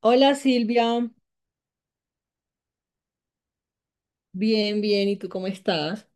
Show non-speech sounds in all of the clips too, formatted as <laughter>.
Hola Silvia, bien, bien, ¿y tú cómo estás?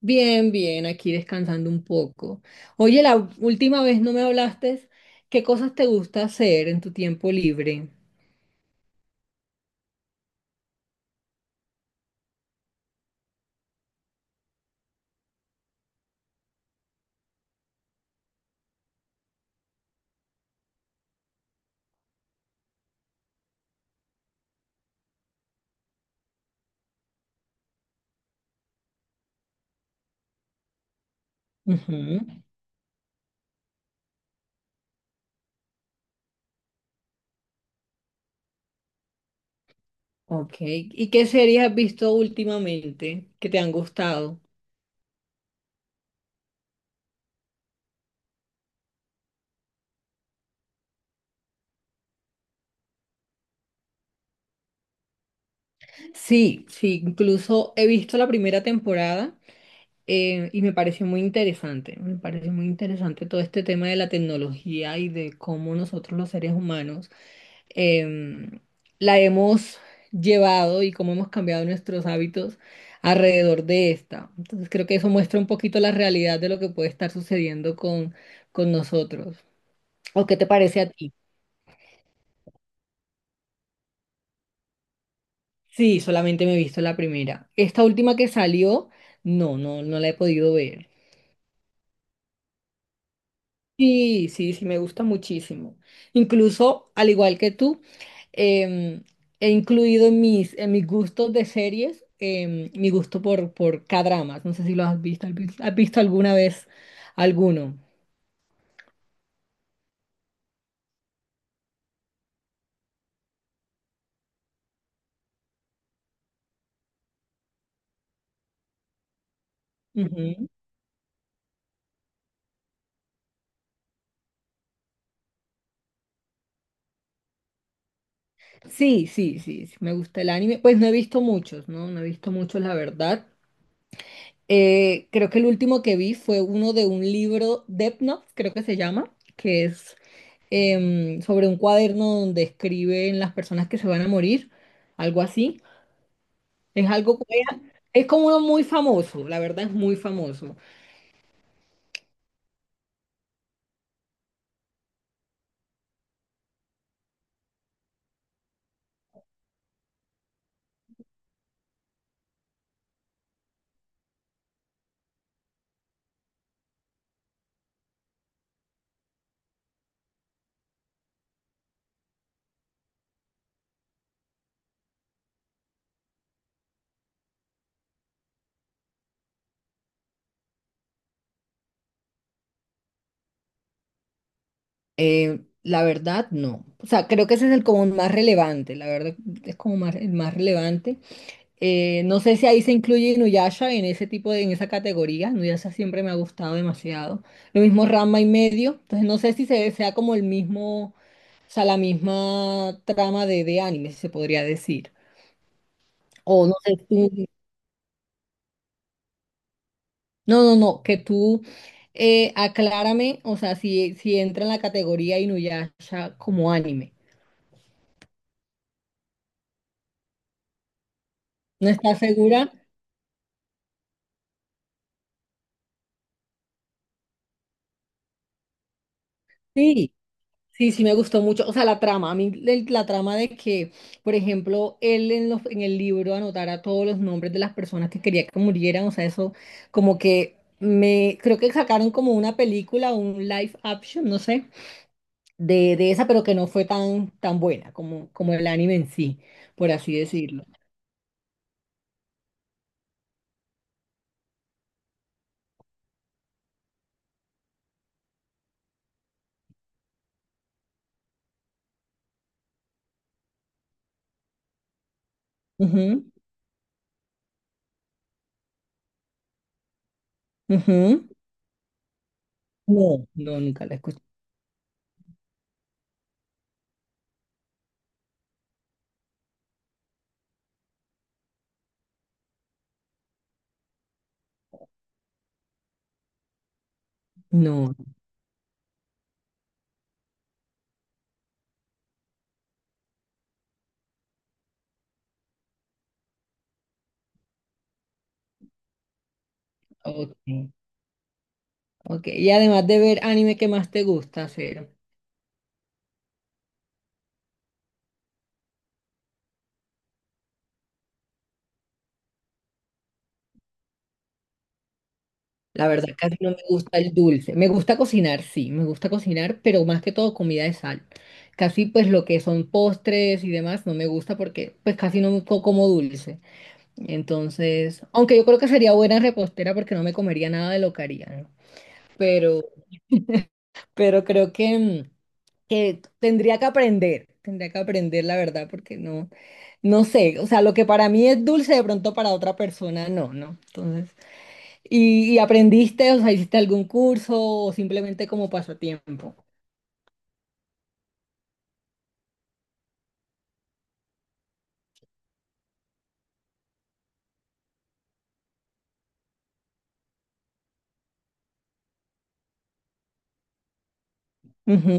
Bien, bien, aquí descansando un poco. Oye, la última vez no me hablaste, ¿qué cosas te gusta hacer en tu tiempo libre? Ujú. Ok, ¿y qué series has visto últimamente que te han gustado? Sí, sí, incluso he visto la primera temporada, y me pareció muy interesante, me pareció muy interesante todo este tema de la tecnología y de cómo nosotros los seres humanos em, la hemos llevado y cómo hemos cambiado nuestros hábitos alrededor de esta. Entonces creo que eso muestra un poquito la realidad de lo que puede estar sucediendo con nosotros. ¿O qué te parece a ti? Sí, solamente me he visto la primera. Esta última que salió, no, no la he podido ver. Sí, sí, sí, me gusta muchísimo. Incluso, al igual que tú, em, he incluido en en mis gustos de series, mi gusto por K-dramas. No sé si lo has visto. ¿Has visto alguna vez alguno? Ujú. Sí, sí, sí, sí, me gusta el anime. Pues no he visto muchos, ¿no? No he visto muchos, la verdad. Creo que el último que vi fue uno de un libro, Death Note, creo que se llama, que es, sobre un cuaderno donde escriben las personas que se van a morir, algo así. Es algo como- es como uno muy famoso, la verdad es muy famoso. La verdad, no. O sea, creo que ese es el como más relevante, la verdad es como más, el más relevante. No sé si ahí se incluye Inuyasha en ese tipo en esa categoría. Inuyasha siempre me ha gustado demasiado. Lo mismo Rama y medio. Entonces no sé si se, sea como el mismo, o sea, la misma trama de anime, si se podría decir. O no sé, no, no, no, que tú, aclárame, o sea, si, si entra en la categoría Inuyasha como anime. ¿No estás segura? Sí, sí, sí me gustó mucho. O sea, la trama, a mí la trama de que, por ejemplo, en el libro anotara todos los nombres de las personas que quería que murieran, o sea, eso como que me, creo que sacaron como una película, un live action, no sé, de esa, pero que no fue tan, tan buena como, como el anime en sí, por así decirlo. Ujú, ujú. No, no, nunca la escuché. No, ok, ok. Y además de ver anime, ¿qué más te gusta hacer? La verdad, casi no me gusta el dulce. Me gusta cocinar, sí, me gusta cocinar, pero más que todo comida de sal. Casi pues lo que son postres y demás no me gusta porque pues casi no como dulce. Entonces, aunque yo creo que sería buena repostera porque no me comería nada de lo que haría, ¿no? Pero, pero creo que... mm, que tendría que aprender la verdad, porque no, no sé, o sea, lo que para mí es dulce, de pronto para otra persona no, ¿no? Entonces, y aprendiste, o sea, hiciste algún curso o simplemente como pasatiempo? Ujú.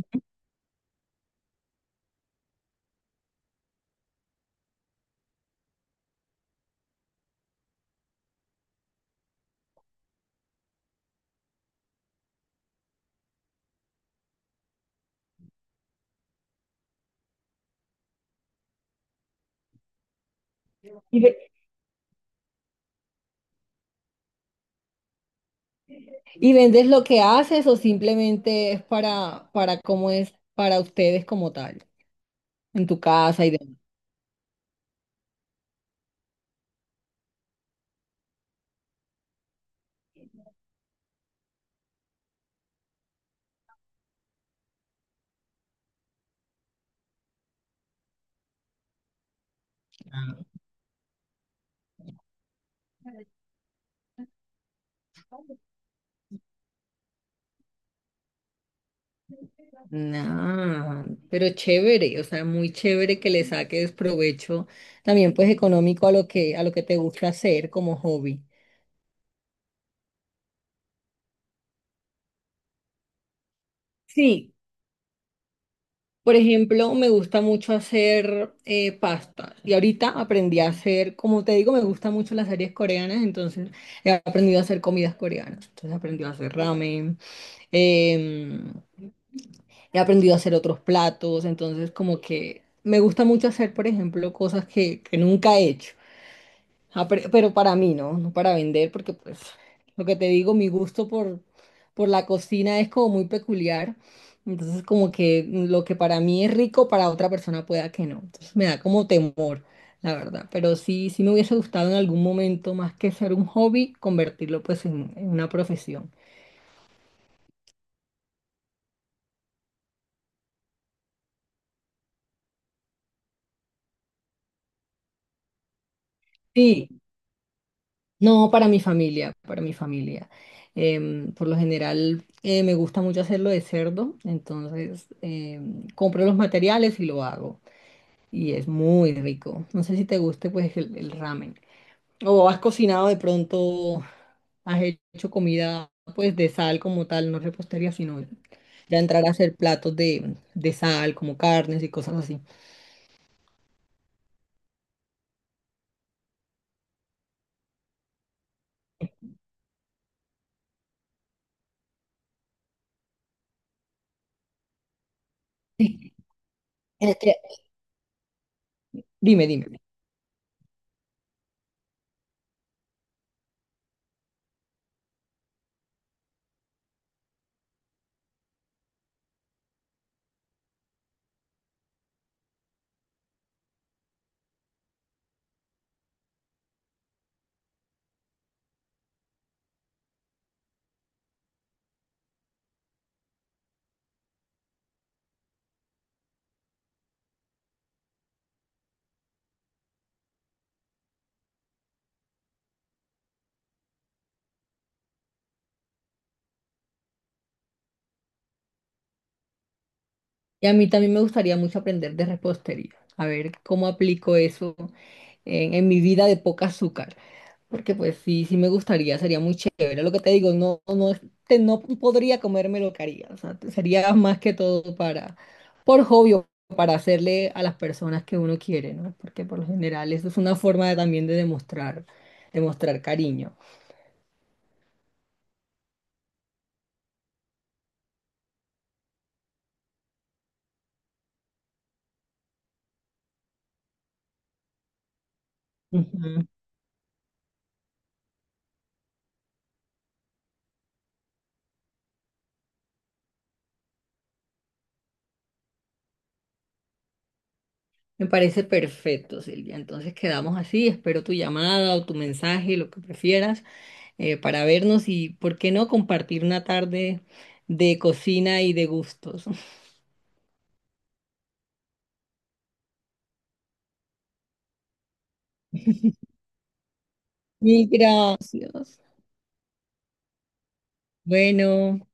¿Y, ve- ¿Y vendes lo que haces o simplemente es para cómo es para ustedes como tal, en tu casa y demás? Nah, pero chévere, o sea, muy chévere que le saques provecho también pues económico a lo que te gusta hacer como hobby. Sí, por ejemplo, me gusta mucho hacer, pasta, y ahorita aprendí a hacer, como te digo, me gustan mucho las series coreanas, entonces he aprendido a hacer comidas coreanas, entonces he aprendido a hacer ramen. em, He aprendido a hacer otros platos, entonces como que me gusta mucho hacer, por ejemplo, cosas que nunca he hecho. Ah, pero para mí, ¿no? No para vender, porque pues lo que te digo, mi gusto por la cocina es como muy peculiar. Entonces, como que lo que para mí es rico, para otra persona pueda que no. Entonces, me da como temor, la verdad. Pero sí, sí me hubiese gustado en algún momento, más que ser un hobby, convertirlo pues en una profesión. Sí, no, para mi familia, para mi familia. Em, por lo general, me gusta mucho hacerlo de cerdo, entonces, compro los materiales y lo hago. Y es muy rico. No sé si te guste pues el ramen. O has cocinado de pronto, has hecho comida pues de sal como tal, no repostería, sino ya entrar a hacer platos de sal, como carnes y cosas así. Sí. Este, dime, dime. Y a mí también me gustaría mucho aprender de repostería, a ver cómo aplico eso en mi vida de poca azúcar. Porque pues sí, sí me gustaría, sería muy chévere. Lo que te digo, no, no, no podría comerme lo que haría. O sea, sería más que todo para, por hobby, o para hacerle a las personas que uno quiere, ¿no? Porque por lo general eso es una forma de, también de demostrar, demostrar cariño. Ujú. Me parece perfecto, Silvia. Entonces quedamos así. Espero tu llamada o tu mensaje, lo que prefieras, para vernos y, ¿por qué no compartir una tarde de cocina y de gustos? <laughs> Mil gracias. Bueno.